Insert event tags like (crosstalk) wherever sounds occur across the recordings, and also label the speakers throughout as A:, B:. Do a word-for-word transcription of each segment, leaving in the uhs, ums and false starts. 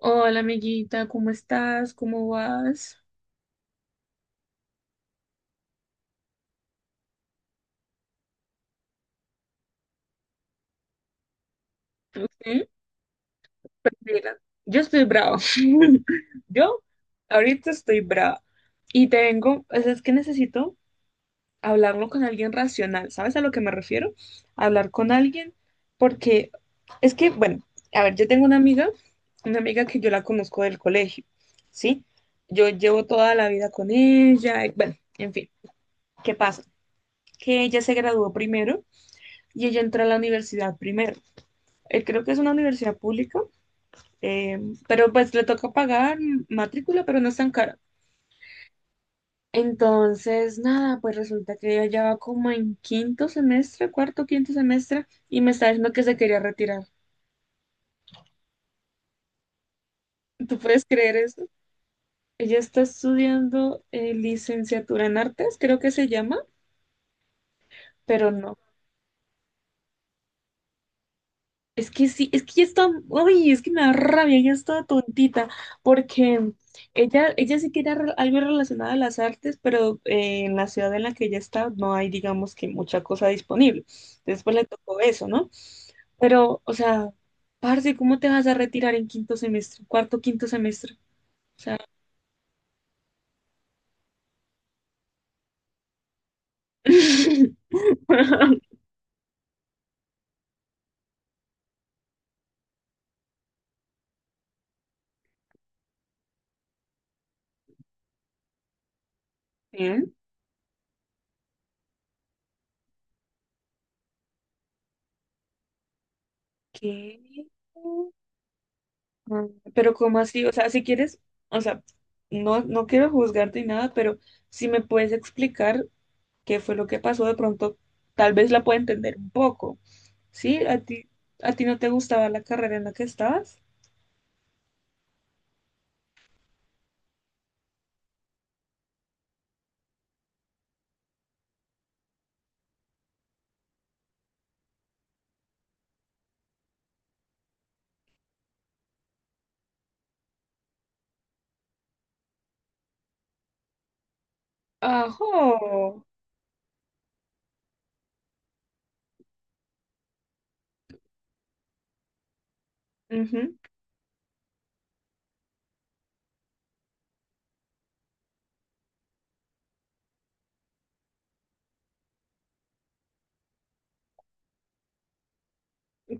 A: Hola, amiguita, ¿cómo estás? ¿Cómo vas? Ujú. Pues mira, yo estoy brava. (laughs) Yo ahorita estoy brava. Y te vengo, o sea, es que necesito hablarlo con alguien racional. ¿Sabes a lo que me refiero? Hablar con alguien, porque es que, bueno, a ver, yo tengo una amiga, una amiga que yo la conozco del colegio, ¿sí? Yo llevo toda la vida con ella. y Bueno, en fin, ¿qué pasa? Que ella se graduó primero y ella entró a la universidad primero. Eh, creo que es una universidad pública, eh, pero pues le toca pagar matrícula, pero no es tan cara. Entonces, nada, pues resulta que ella ya va como en quinto semestre, cuarto, quinto semestre, y me está diciendo que se quería retirar. ¿Tú puedes creer eso? Ella está estudiando eh, licenciatura en artes, creo que se llama, pero no. Es que sí, es que ya está, ay, es que me da rabia, ya está tontita, porque ella, ella sí quería re- algo relacionado a las artes, pero eh, en la ciudad en la que ella está no hay, digamos, que mucha cosa disponible. Después le tocó eso, ¿no? Pero, o sea, parce, ¿cómo te vas a retirar en quinto semestre, cuarto, quinto semestre? O sea, (laughs) ¿eh? ¿Qué? Mm. Pero ¿cómo así? O sea, si quieres, o sea, no, no quiero juzgarte ni nada, pero si me puedes explicar qué fue lo que pasó, de pronto tal vez la pueda entender un poco. ¿Sí? ¿A ti, a ti no te gustaba la carrera en la que estabas? Ajo. Ujú.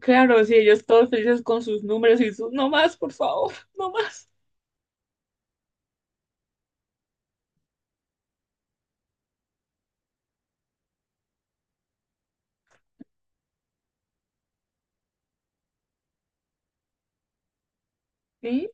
A: Claro, sí, ellos todos felices con sus números y sus, no más, por favor, no más. ¿Sí?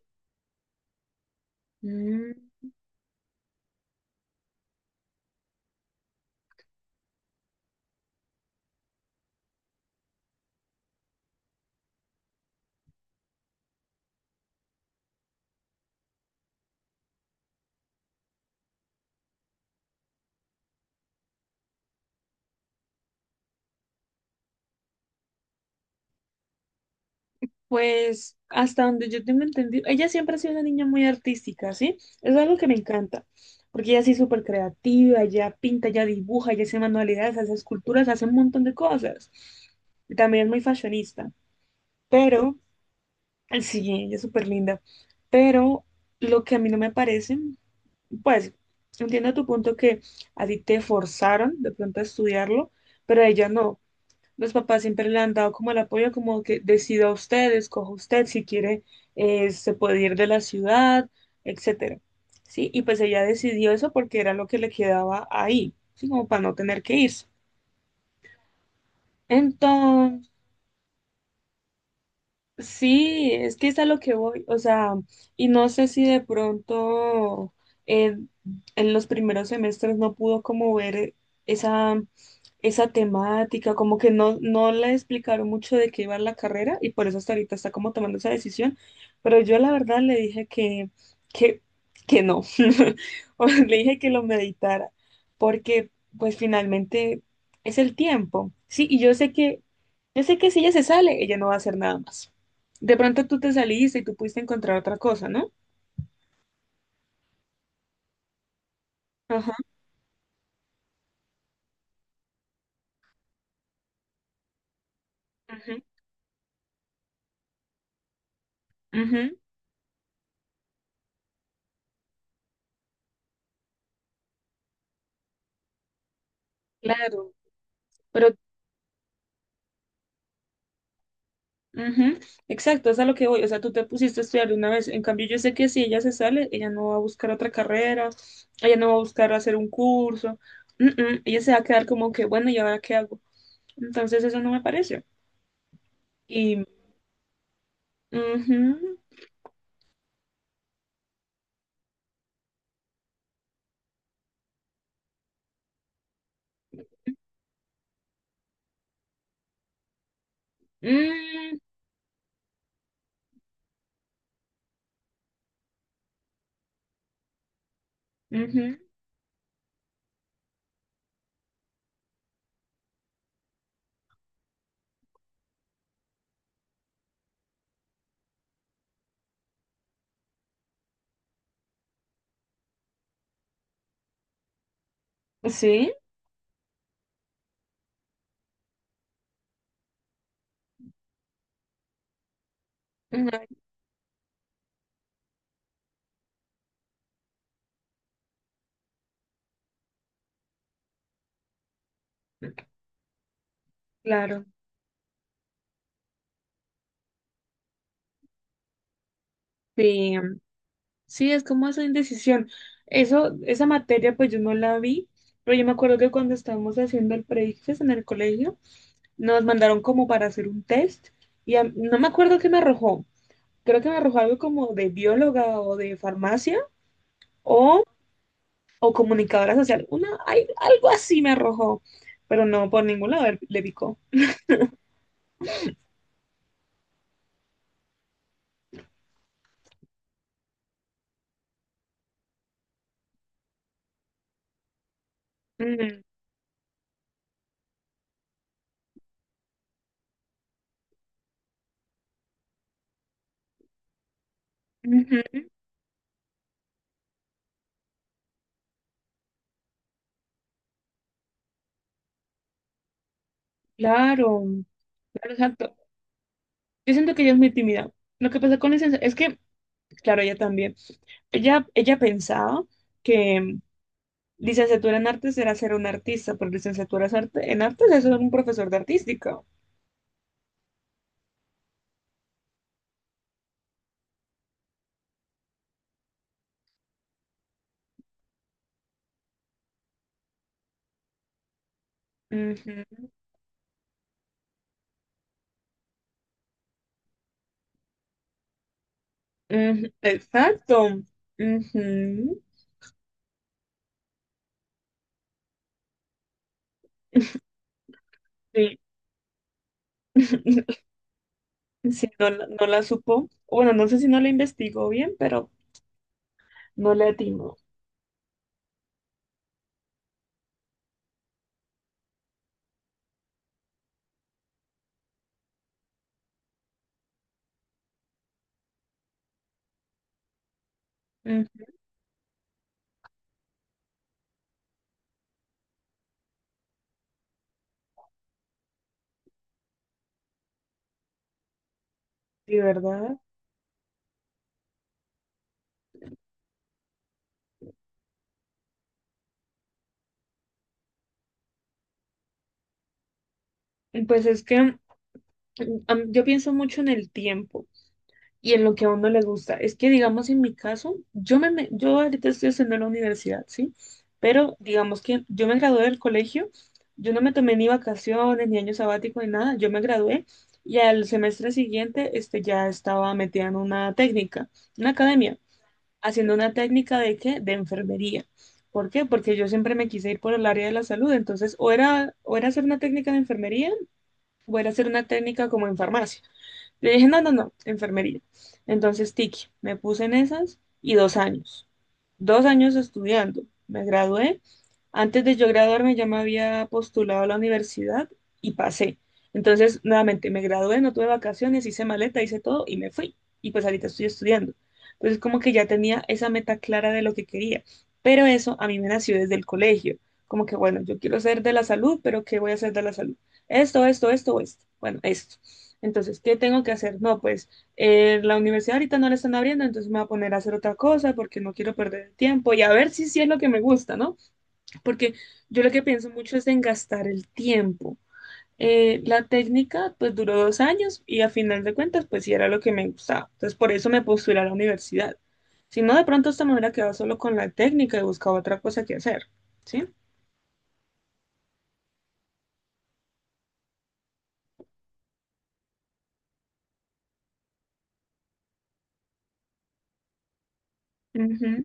A: Pues hasta donde yo tengo entendido, ella siempre ha sido una niña muy artística, ¿sí? Es algo que me encanta, porque ella sí es súper creativa, ella pinta, ella dibuja, ella hace manualidades, hace esculturas, hace un montón de cosas. Y también es muy fashionista, pero, sí, ella es súper linda, pero lo que a mí no me parece, pues, entiendo tu punto que a ti te forzaron de pronto a estudiarlo, pero a ella no. Los papás siempre le han dado como el apoyo, como que decida usted, escoja usted si quiere, eh, se puede ir de la ciudad, etcétera. Sí, y pues ella decidió eso porque era lo que le quedaba ahí, ¿sí? Como para no tener que irse. Sí, es que es a lo que voy, o sea, y no sé si de pronto eh, en los primeros semestres no pudo como ver esa, esa temática, como que no, no le explicaron mucho de qué iba la carrera y por eso hasta ahorita está como tomando esa decisión, pero yo la verdad le dije que, que, que no, (laughs) o le dije que lo meditara, porque pues finalmente es el tiempo, sí, y yo sé que, yo sé que si ella se sale, ella no va a hacer nada más. De pronto tú te saliste y tú pudiste encontrar otra cosa, ¿no? Ajá, ujú, ujú, claro, pero, ujú, exacto, es a lo que voy, o sea, tú te pusiste a estudiar de una vez, en cambio yo sé que si ella se sale, ella no va a buscar otra carrera, ella no va a buscar hacer un curso, mm, ella se va a quedar como que, bueno, ¿y ahora qué hago? Entonces eso no me parece. Y, ujú, mm, ujú, sí, ujú, claro, sí, sí, es como esa indecisión. Eso, esa materia, pues yo no la vi, pero yo me acuerdo que cuando estábamos haciendo el pre en el colegio, nos mandaron como para hacer un test y a- no me acuerdo qué me arrojó. Creo que me arrojó algo como de bióloga o de farmacia o, o comunicadora social. Una, ay, algo así me arrojó, pero no, por ningún lado le le picó. Mm, ujú. Claro, claro, exacto. Yo siento que ella es muy tímida. Lo que pasa con licencia es que, claro, ella también. Ella, ella pensaba que mm, licenciatura en artes era ser un artista, pero licenciatura es arte- en artes es ser un profesor de artística. Ujú, ujú, exacto. Ujú, sí. (laughs) Sí, no, la- no la supo. Bueno, no sé si no la investigó bien, pero no le atinó. Ujú. Sí, ¿verdad? Pues es que mm, am- yo pienso mucho en el tiempo. Y en lo que a uno le gusta. Es que, digamos, en mi caso, yo, me, me- yo ahorita estoy haciendo la universidad, ¿sí? Pero digamos que yo me gradué del colegio, yo no me tomé ni vacaciones, ni año sabático, ni nada, yo me gradué y al semestre siguiente este, ya estaba metida en una técnica, una academia, haciendo una técnica de qué. De enfermería. ¿Por qué? Porque yo siempre me quise ir por el área de la salud, entonces o era, o era hacer una técnica de enfermería o era hacer una técnica como en farmacia. Le dije, no, no, no, enfermería. Entonces, Tiki, me puse en esas y dos años dos años estudiando. Me gradué. Antes de yo graduarme ya me había postulado a la universidad y pasé. Entonces, nuevamente, me gradué, no tuve vacaciones, hice maleta, hice todo y me fui. Y pues ahorita estoy estudiando. Entonces, como que ya tenía esa meta clara de lo que quería. Pero eso a mí me nació desde el colegio. Como que, bueno, yo quiero ser de la salud, pero ¿qué voy a hacer de la salud? Esto, esto, esto, esto. Bueno, esto. Entonces, ¿qué tengo que hacer? No, pues eh, la universidad ahorita no la están abriendo, entonces me voy a poner a hacer otra cosa porque no quiero perder el tiempo y a ver si sí es lo que me gusta, ¿no? Porque yo lo que pienso mucho es en gastar el tiempo. Eh, la técnica pues duró dos años y a final de cuentas pues sí era lo que me gustaba. Entonces por eso me postulé a la universidad. Si no, de pronto esta me hubiera quedado solo con la técnica y buscaba otra cosa que hacer, ¿sí? Ujú.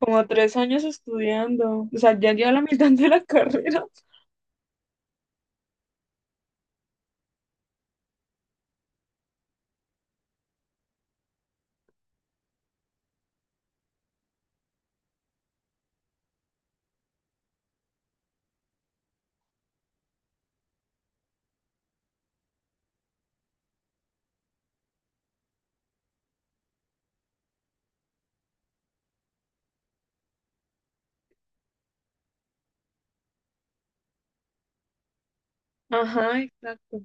A: Como tres años estudiando, o sea, ya lleva la mitad de la (laughs) carrera. Ajá, exacto.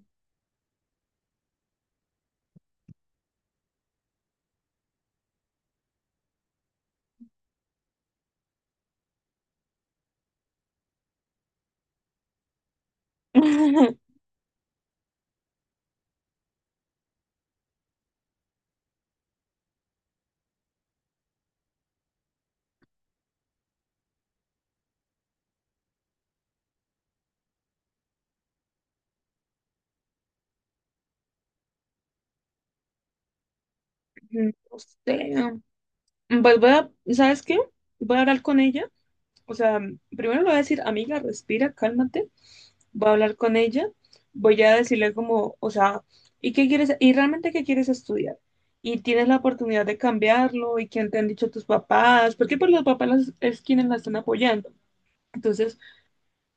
A: (laughs) No sé. Pues voy a, ¿sabes qué? Voy a hablar con ella. O sea, mm, primero le voy a decir, amiga, respira, cálmate. Voy a hablar con ella. Voy a decirle como, o sea, ¿y qué quieres? ¿Y realmente qué quieres estudiar? Y tienes la oportunidad de cambiarlo. ¿Y quién te han dicho tus papás? Porque pues los papás las- es quienes la están apoyando. Entonces,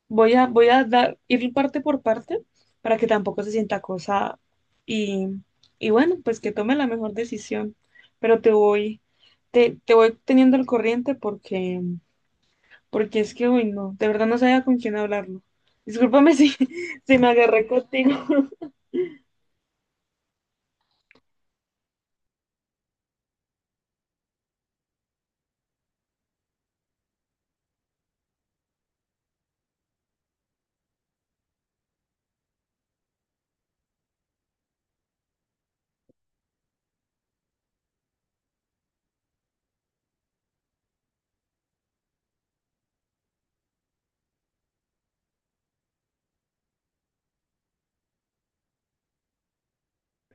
A: Voy a, voy a dar, ir parte por parte para que tampoco se sienta acosada. Y, y bueno, pues que tome la mejor decisión. Pero te voy, te, te voy teniendo al corriente porque, porque es que hoy no, de verdad no sabía con quién hablarlo. Discúlpame si, (laughs) si me agarré contigo. (laughs)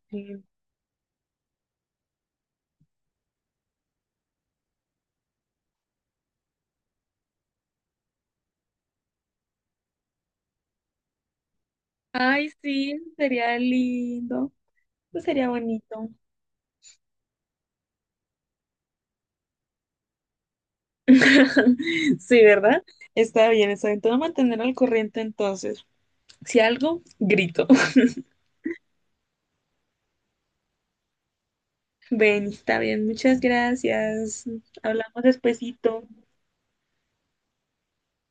A: Sí. Ay, sí, sería lindo. Pues sería bonito. (laughs) Sí, ¿verdad? Está bien, está bien. Te voy a mantener al corriente entonces. Si algo, grito. Ven, está bien, muchas gracias. Hablamos despuesito.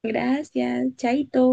A: Gracias, chaito.